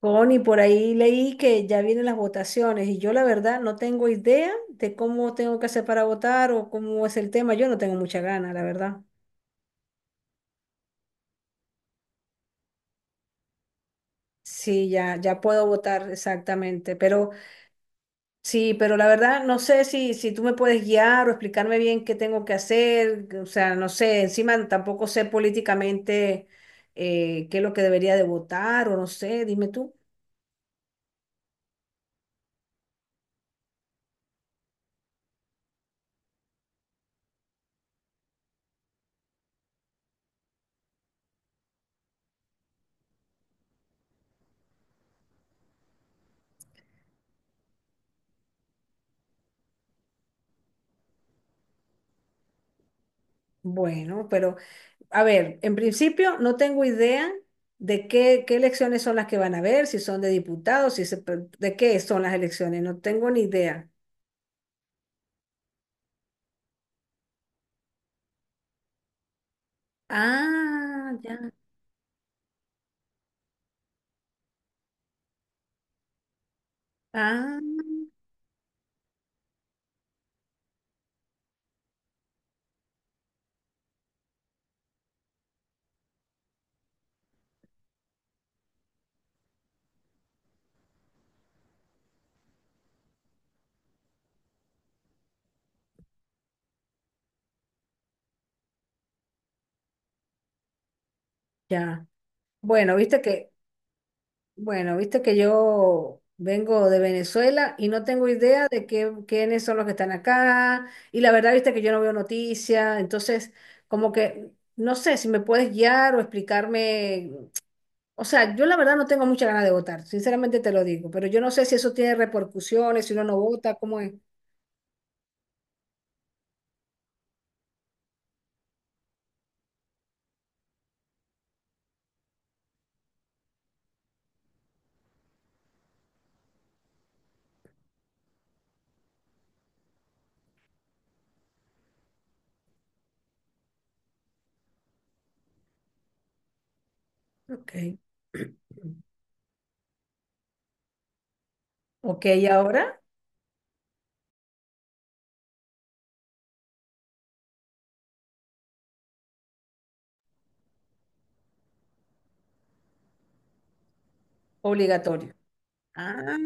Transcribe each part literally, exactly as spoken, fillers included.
Connie, por ahí leí que ya vienen las votaciones y yo la verdad no tengo idea de cómo tengo que hacer para votar o cómo es el tema. Yo no tengo mucha gana, la verdad. Sí, ya, ya puedo votar exactamente, pero sí, pero la verdad no sé si, si tú me puedes guiar o explicarme bien qué tengo que hacer. O sea, no sé, encima tampoco sé políticamente eh, qué es lo que debería de votar o no sé, dime tú. Bueno, pero... A ver, en principio no tengo idea de qué, qué elecciones son las que van a ver, si son de diputados, si se pre- de qué son las elecciones, no tengo ni idea. Ah, ya, ah, ya. Bueno, viste que, bueno, viste que yo vengo de Venezuela y no tengo idea de qué, quiénes son los que están acá. Y la verdad, viste que yo no veo noticias, entonces como que no sé si me puedes guiar o explicarme. O sea, yo la verdad no tengo mucha ganas de votar, sinceramente te lo digo, pero yo no sé si eso tiene repercusiones, si uno no vota, ¿cómo es? Ok, ok, y ahora obligatorio. Ah,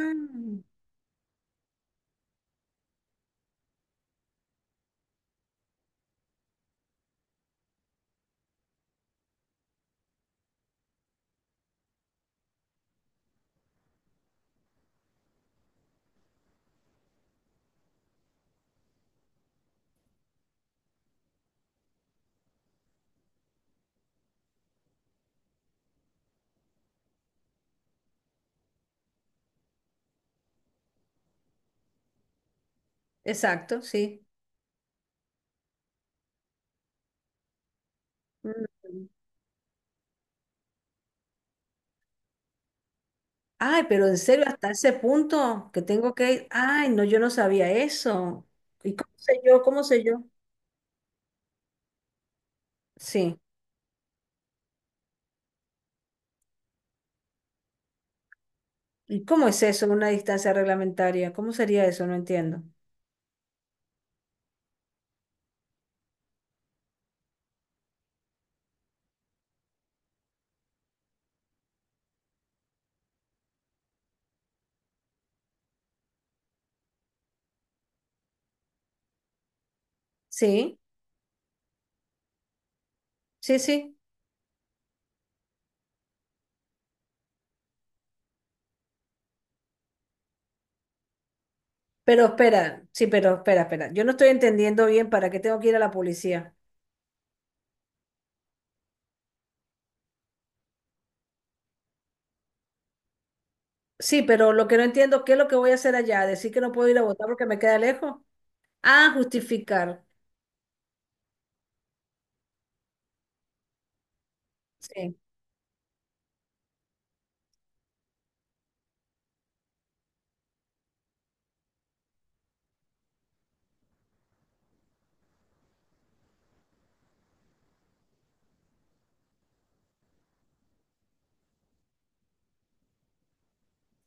exacto, sí. Mm. Ay, pero en serio, hasta ese punto que tengo que ir. Ay, no, yo no sabía eso. ¿Y cómo sé yo? ¿Cómo sé yo? Sí. ¿Y cómo es eso, una distancia reglamentaria? ¿Cómo sería eso? No entiendo. Sí, sí, sí. Pero espera, sí, pero espera, espera. Yo no estoy entendiendo bien para qué tengo que ir a la policía. Sí, pero lo que no entiendo, ¿qué es lo que voy a hacer allá? ¿Decir que no puedo ir a votar porque me queda lejos? Ah, justificar. Sí.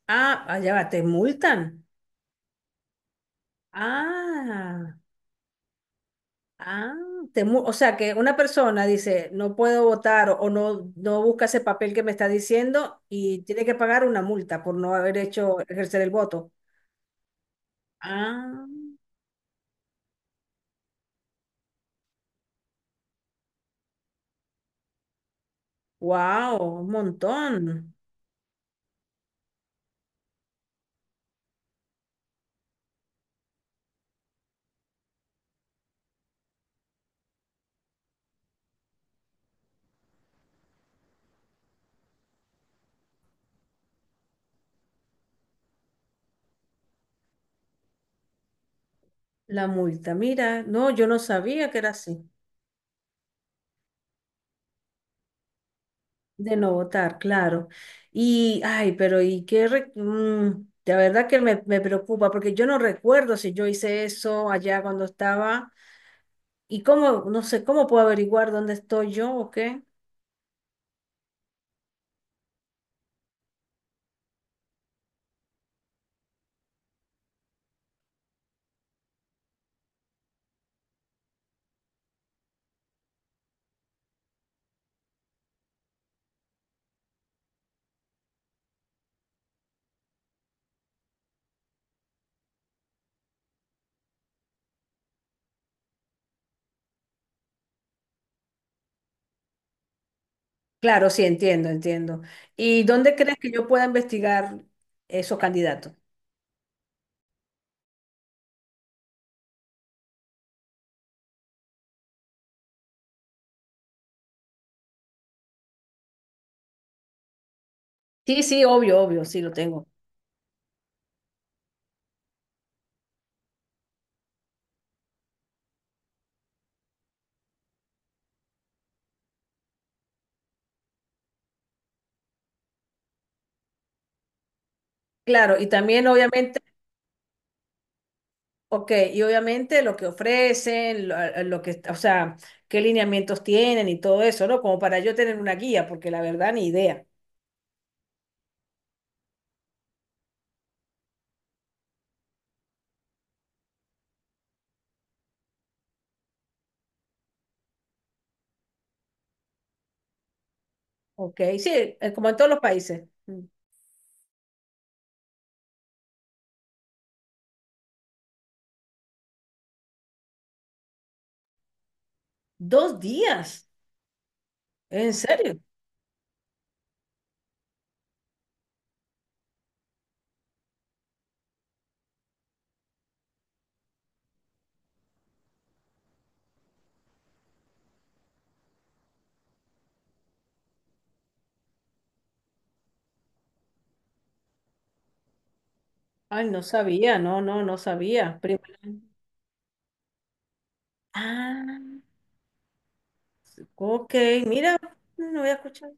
Ah, allá va, te multan. Ah, ah, te mu- o sea que una persona dice, no puedo votar o, o no, no busca ese papel que me está diciendo y tiene que pagar una multa por no haber hecho ejercer el voto. Ah, wow, un montón. La multa, mira, no, yo no sabía que era así, de no votar, claro. Y, ay, pero y qué, re- mm, la verdad que me, me preocupa, porque yo no recuerdo si yo hice eso allá cuando estaba, y cómo, no sé, cómo puedo averiguar dónde estoy yo o qué. Claro, sí, entiendo, entiendo. ¿Y dónde crees que yo pueda investigar esos candidatos? Sí, sí, obvio, obvio, sí lo tengo. Claro, y también obviamente. Ok, y obviamente lo que ofrecen, lo, eh, lo que, o sea, qué lineamientos tienen y todo eso, ¿no? Como para yo tener una guía, porque la verdad ni idea. Ok, sí, eh, como en todos los países. Mm. ¿Dos días? ¿En serio? Ay, no sabía, no, no, no sabía. Primera- Ah, ok, mira, no voy a escuchar.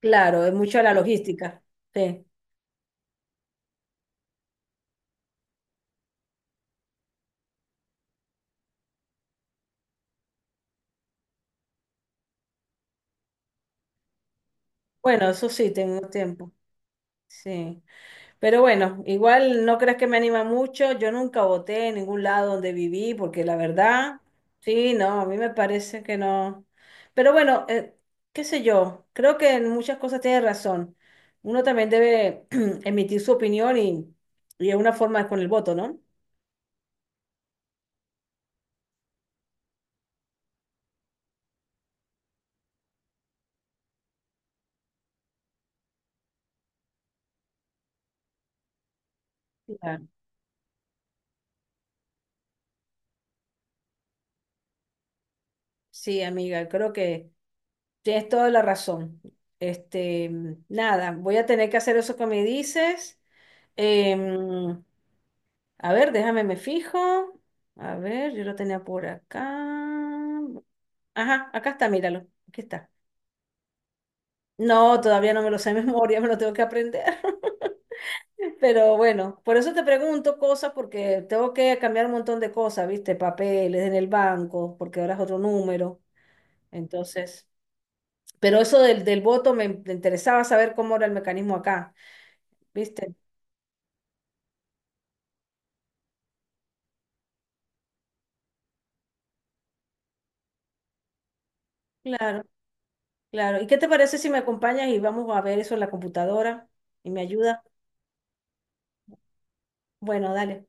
Claro, es mucha la logística. Sí. Bueno, eso sí, tengo tiempo. Sí. Pero bueno, igual no creas que me anima mucho. Yo nunca voté en ningún lado donde viví, porque la verdad, sí, no, a mí me parece que no. Pero bueno, eh, qué sé yo, creo que en muchas cosas tienes razón. Uno también debe emitir su opinión y, y es una forma con el voto, ¿no? Claro. Sí, amiga, creo que tienes toda la razón. Este, nada, voy a tener que hacer eso que me dices. Em, A ver, déjame, me fijo. A ver, yo lo tenía por acá. Ajá, acá está, míralo. Aquí está. No, todavía no me lo sé de memoria, me lo tengo que aprender. Pero bueno, por eso te pregunto cosas, porque tengo que cambiar un montón de cosas, ¿viste? Papeles en el banco, porque ahora es otro número. Entonces, pero eso del, del voto me in- me interesaba saber cómo era el mecanismo acá, ¿viste? Claro, claro. ¿Y qué te parece si me acompañas y vamos a ver eso en la computadora y me ayuda? Bueno, dale.